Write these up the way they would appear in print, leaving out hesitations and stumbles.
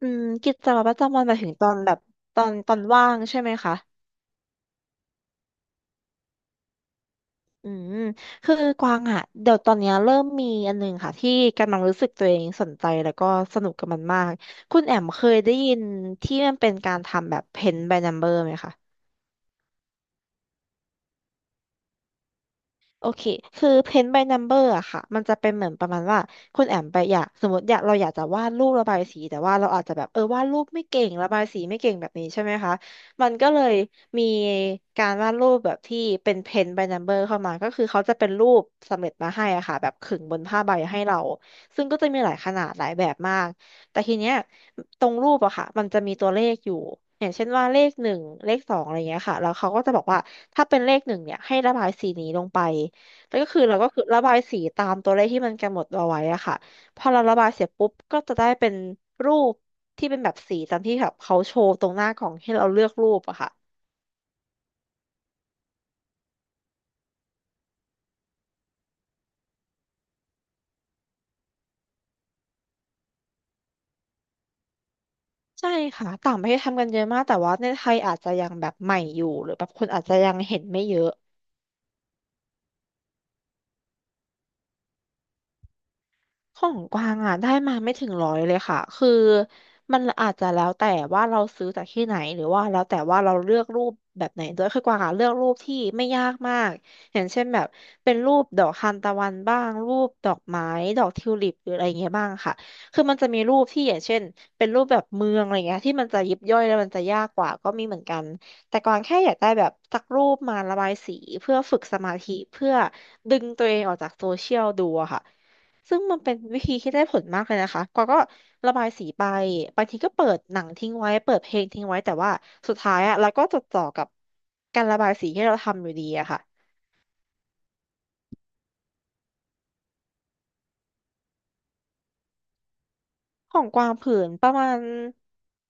อืมกิจวัตรประจำวันหมายถึงตอนแบบตอนตอนว่างใช่ไหมคะอืมคือกวางอะเดี๋ยวตอนเนี้ยเริ่มมีอันหนึงค่ะที่กำลังรู้สึกตัวเองสนใจแล้วก็สนุกกับมันมากคุณแอมเคยได้ยินที่มันเป็นการทำแบบ Paint by Number ไหมคะ โอเคคือ paint by number อะค่ะมันจะเป็นเหมือนประมาณว่าคุณแอมไปอยากสมมติอยากเราอยากจะวาดรูประบายสีแต่ว่าเราอาจจะแบบวาดรูปไม่เก่งระบายสีไม่เก่งแบบนี้ใช่ไหมคะมันก็เลยมีการวาดรูปแบบที่เป็น paint by number เข้ามาก็คือเขาจะเป็นรูปสำเร็จมาให้อะค่ะแบบขึงบนผ้าใบให้เราซึ่งก็จะมีหลายขนาดหลายแบบมากแต่ทีเนี้ยตรงรูปอะค่ะมันจะมีตัวเลขอยู่อย่างเช่นว่าเลขหนึ่งเลข 2อะไรเงี้ยค่ะแล้วเขาก็จะบอกว่าถ้าเป็นเลขหนึ่งเนี่ยให้ระบายสีนี้ลงไป แล้วก็คือเราก็คือระบายสีตามตัวเลขที่มันกำหนดเอาไว้อะค่ะพอเราระบายเสร็จปุ๊บก็จะได้เป็นรูปที่เป็นแบบสีตามที่แบบเขาโชว์ตรงหน้ากล่องให้เราเลือกรูปอะค่ะใช่ค่ะต่างประเทศทำกันเยอะมากแต่ว่าในไทยอาจจะยังแบบใหม่อยู่หรือแบบคนอาจจะยังเห็นไม่เยอะ ของกวางอ่ะได้มาไม่ถึง100เลยค่ะคือมันอาจจะแล้วแต่ว่าเราซื้อจากที่ไหนหรือว่าแล้วแต่ว่าเราเลือกรูปแบบไหนด้วยคือกวางอ่ะเลือกรูปที่ไม่ยากมากอย่างเช่นแบบเป็นรูปดอกทานตะวันบ้างรูปดอกไม้ดอกทิวลิปหรืออะไรเงี้ยบ้างค่ะคือมันจะมีรูปที่อย่างเช่นเป็นรูปแบบเมืองอะไรเงี้ยที่มันจะยิบย่อยแล้วมันจะยากกว่าก็มีเหมือนกันแต่กวางแค่อยากได้แบบสักรูปมาระบายสีเพื่อฝึกสมาธิเพื่อดึงตัวเองออกจากโซเชียลดูอะค่ะ ซึ่งมันเป็นวิธีที่ได้ผลมากเลยนะคะกวางก็ระบายสีไปบางทีก็เปิดหนังทิ้งไว้เปิดเพลงทิ้งไว้แต่ว่าสุดท้ายอะเราก็จดจ่อกับการระบายสีที่เราทำอยู่ดีอะค่ะของกวางผืนประมาณ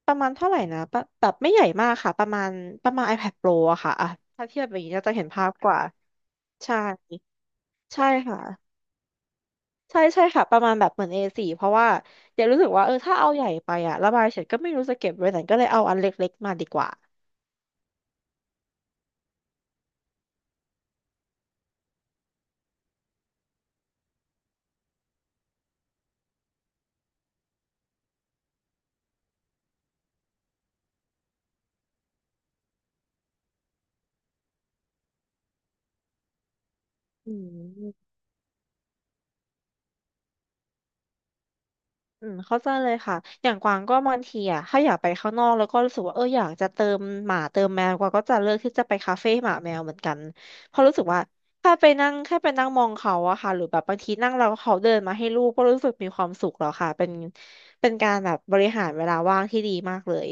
ประมาณเท่าไหร่นะปะแบบไม่ใหญ่มากค่ะประมาณ iPad Pro อะค่ะอะถ้าเทียบแบบนี้เราจะเห็นภาพกว่าใช่ใช่ค่ะใช่ค่ะประมาณแบบเหมือน A4 เพราะว่าเดี๋ยวรู้สึกว่าถ้าเอาใหญ่ไปอะระบายเสร็จก็ไม่รู้จะเก็บไว้ไหนก็เลยเอาอันเล็กๆมาดีกว่าอืม อืมเข้าใจเลยค่ะอย่างกวางก็บางทีอ่ะถ้าอยากไปข้างนอกแล้วก็รู้สึกว่าอยากจะเติมหมาเติมแมวกวางก็จะเลือกที่จะไปคาเฟ่หมาแมวเหมือนกันเพราะรู้สึกว่าถ้าไปนั่งแค่ไปนั่งมองเขาอะค่ะหรือแบบบางทีนั่งแล้วเขาเดินมาให้ลูกก็รู้สึกมีความสุขแล้วค่ะเป็นการแบบบริหารเวลาว่างที่ดีมากเลย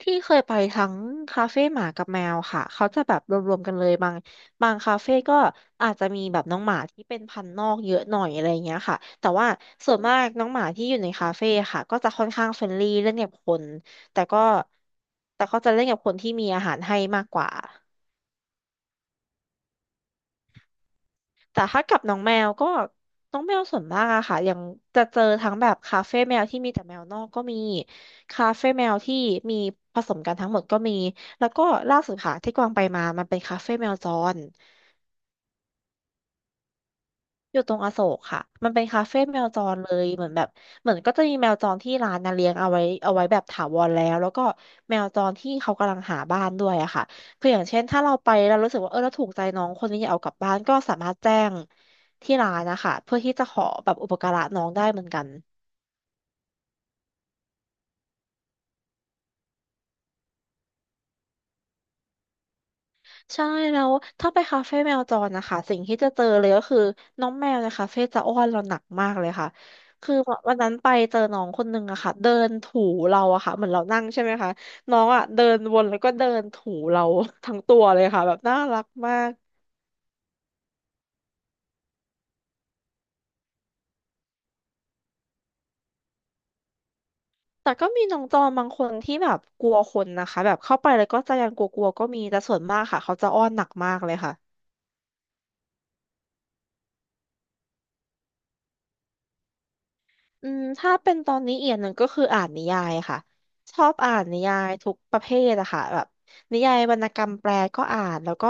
ที่เคยไปทั้งคาเฟ่หมากับแมวค่ะเขาจะแบบรวมๆกันเลยบางคาเฟ่ก็อาจจะมีแบบน้องหมาที่เป็นพันธุ์นอกเยอะหน่อยอะไรเงี้ยค่ะ แต่ว่าส่วนมากน้องหมาที่อยู่ในคาเฟ่ค่ะก็จะค่อนข้างเฟรนลี่เล่นกับคนแต่ก็แต่เขาจะเล่นกับคนที่มีอาหารให้มากกว่า แต่ถ้ากับน้องแมวก็น้องแมวส่วนมากอะค่ะยังจะเจอทั้งแบบคาเฟ่แมวที่มีแต่แมวนอกก็มีคาเฟ่แมวที่มีผสมกันทั้งหมดก็มีแล้วก็ล่าสุดค่ะที่กวางไปมามันเป็นคาเฟ่แมวจร อยู่ตรงอโศกค่ะ มันเป็นคาเฟ่แมวจรเลย เหมือนแบบเหมือนก็จะมีแมวจรที่ร้านนะเลี้ยงเอาไว้แบบถาวรแล้วก็แมวจรที่เขากำลังหาบ้านด้วยอะค่ะ คืออย่างเช่นถ้าเราไปเรารู้สึกว่าเราถูกใจน้องคนนี้อยากเอากลับบ้านก็สามารถแจ้งที่ร้านนะคะเพื่อที่จะขอแบบอุปการะน้องได้เหมือนกัน ใช่แล้วถ้าไปคาเฟ่แมวจรนะคะสิ่งที่จะเจอเลยก็คือน้องแมวในคาเฟ่จะอ้อนเราหนักมากเลยค่ะคือวันนั้นไปเจอน้องคนนึงอะค่ะเดินถูเราอะค่ะเหมือนเรานั่งใช่ไหมคะน้องอะเดินวนแล้วก็เดินถูเรา ทั้งตัวเลยค่ะแบบน่ารักมากแต่ก็มีน้องจอมบางคนที่แบบกลัวคนนะคะแบบเข้าไปแล้วก็จะยังกลัวๆก็มีแต่ส่วนมากค่ะเขาจะอ้อนหนักมากเลยค่ะ อืมถ้าเป็นตอนนี้เอียนหนึ่งก็คืออ่านนิยายค่ะชอบอ่านนิยายทุกประเภทอะค่ะแบบนิยายวรรณกรรมแปลก็อ่านแล้วก็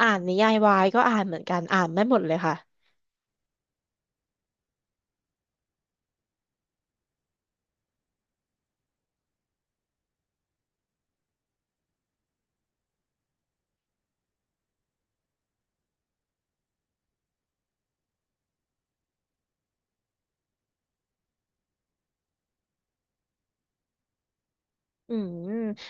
อ่านนิยายวายก็อ่านเหมือนกันอ่านได้หมดเลยค่ะ อืม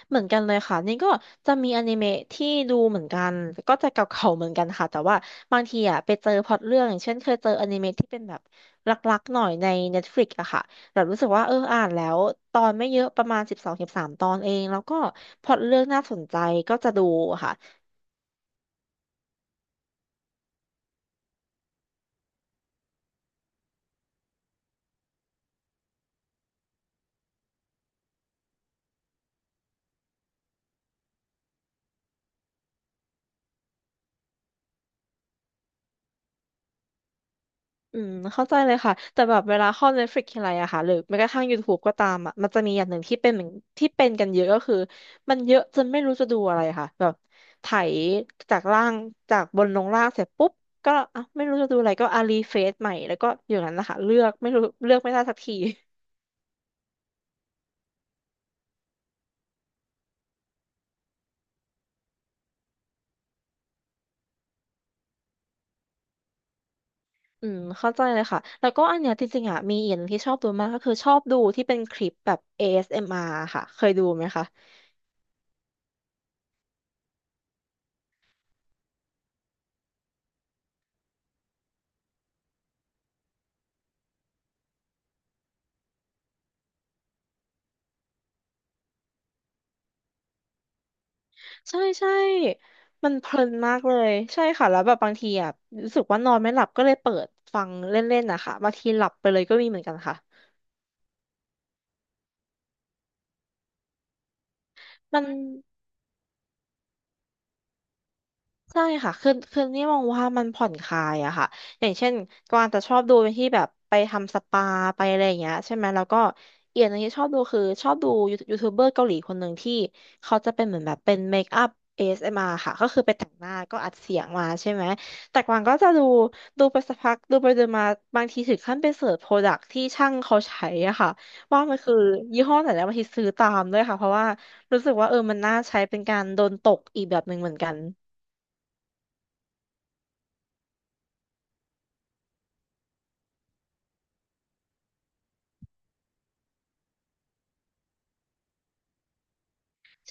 เหมือนกันเลยค่ะนี่ก็จะมีอนิเมะที่ดูเหมือนกันก็จะเก่าๆเหมือนกันค่ะแต่ว่าบางทีอ่ะไปเจอพล็อตเรื่องอย่างเช่นเคยเจออนิเมะที่เป็นแบบรักๆหน่อยใน Netflix อะค่ะแบบรู้สึกว่าเอออ่านแล้วตอนไม่เยอะประมาณ12-13ตอนเองแล้วก็พล็อตเรื่องน่าสนใจก็จะดูค่ะ อืมเข้าใจเลยค่ะแต่แบบเวลาเข้า Netflix ทีไรอะค่ะหรือแม้กระทั่ง YouTube ก็ตามอะมันจะมีอย่างหนึ่งที่เป็นเหมือนที่เป็นกันเยอะก็คือมันเยอะจนไม่รู้จะดูอะไรค่ะแบบไถจากล่างจากบนลงล่างเสร็จปุ๊บก็อ่ะไม่รู้จะดูอะไรก็อารีเฟซใหม่แล้วก็อย่างนั้นนะคะเลือกไม่รู้เลือกไม่ได้สักที อืมเข้าใจเลยค่ะแล้วก็อันเนี้ยจริงๆอะมีอีกอย่างนงที่ชอบดูมากก็คือชอบดูที่เป็นคลิปแบบ ASMR ค่ะเคยดูไหมคะ ใช่ใช่มันเพลินมากเลยใช่ค่ะแล้วแบบบางทีอ่ะรู้สึกว่านอนไม่หลับก็เลยเปิดฟังเล่นๆนะคะบางทีหลับไปเลยก็มีเหมือนกันค่ะมันใช่ค่ะคือนี่มองว่ามันผ่อนคลายอะค่ะอย่างเช่นกวางจะชอบดูเป็นที่แบบไปทำสปาไปอะไรอย่างเงี้ยใช่ไหมแล้วก็อีกอย่างหนึงที่ชอบดูคือชอบดูยูทูบเบอร์เกาหลีคนหนึ่งที่เขาจะเป็นเหมือนแบบเป็นเมคอัพ แต่งหน้าก็อัดเสียงมาใช่ไหม แต่กวางก็จะดู ดูไปสักพัก ดูไปดูมาบางทีถึงขั้นไปเสิร์ชโปรดักที่ช่างเขาใช้อะค่ะว่ามันคือยี่ห้อไหนแล้วบางทีซื้อตามด้วยค่ะเพราะว่ารู้สึกว่าเออมันน่าใช้เป็นการโดนตกอีกแบบหนึ่งเหมือนกัน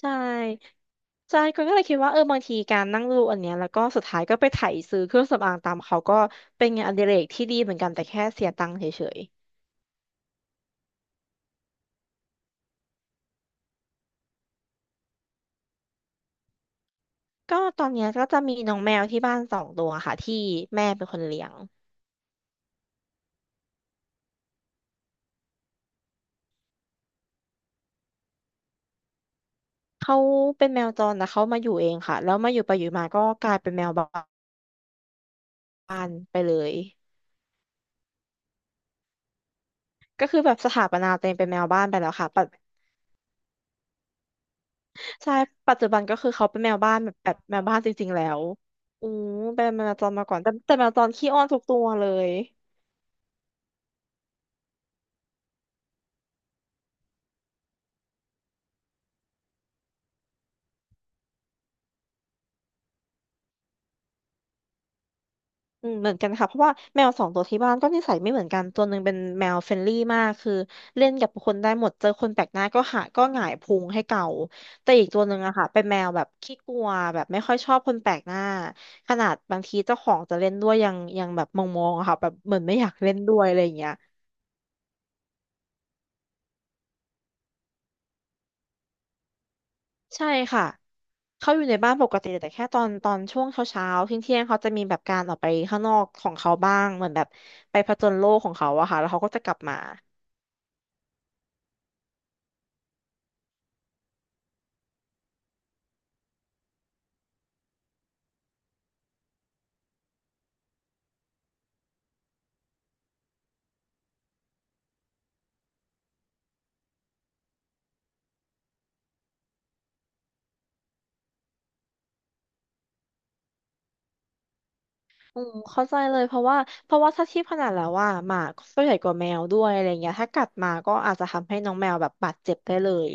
ใช่ ใช่ก็เลยคิดว่าเออ บางทีการนั่งดูอันเนี้ยแล้วก็สุดท้ายก็ไปไถซื้อเครื่องสำอางตามเขาก็เป็นงานอดิเรกที่ดีเหมือนกันแต่แค่เสียตังค์เฉยๆก็ตอนเนี้ยก็จะมีน้องแมวที่บ้านสองตัวค่ะที่แม่เป็นคนเลี้ยง เขาเป็นแมวจรแต่เขามาอยู่เองค่ะแล้วมาอยู่ไปอยู่มาก็กลายเป็นแมวบ้านไปเลยก็คือแบบสถาปนาตัวเองเป็นแมวบ้านไปแล้วค่ะปัจใช่ปัจจุบันก็คือเขาเป็นแมวบ้านแบบแมวบ้านจริงๆแล้วอ้เป็นแมวจรมาก่อนแต่แมวจรขี้อ้อนทุกตัวเลย อืมเหมือนกันค่ะเพราะว่าแมวสองตัวที่บ้านก็นิสัยไม่เหมือนกันตัวหนึ่งเป็นแมวเฟรนลี่มากคือเล่นกับคนได้หมดเจอคนแปลกหน้าก็หาก็หงายพุงให้เก่าแต่อีกตัวหนึ่งอะค่ะเป็นแมวแบบขี้กลัวแบบไม่ค่อยชอบคนแปลกหน้าขนาดบางทีเจ้าของจะเล่นด้วยยังแบบมองๆอะค่ะแบบเหมือนไม่อยากเล่นด้วยอะไรอย่างเงี้ยใช่ค่ะเขาอยู่ในบ้านปกติแต่แค่ตอนช่วงเช้าเที่ยงเที่ยงๆเขาจะมีแบบการออกไปข้างนอกของเขาบ้างเหมือนแบบไปผจญโลกของเขาอะค่ะแล้วเขาก็จะกลับมา อืมเข้าใจเลยเพราะว่าถ้าเทียบขนาดแล้วว่าหมาก็ใหญ่กว่าแมวด้วยอะไรเงี้ยถ้ากัดมาก็อาจจะทำให้น้องแมวแบบบาดเจ็บได้เลย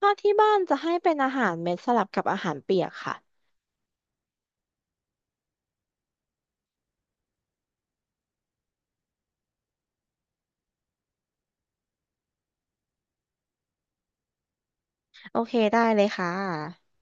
ถ้าที่บ้านจะให้เป็นอาหารเม็ดสลับกับอาหารเปียกค่ะโอเคได้เลยค่ะ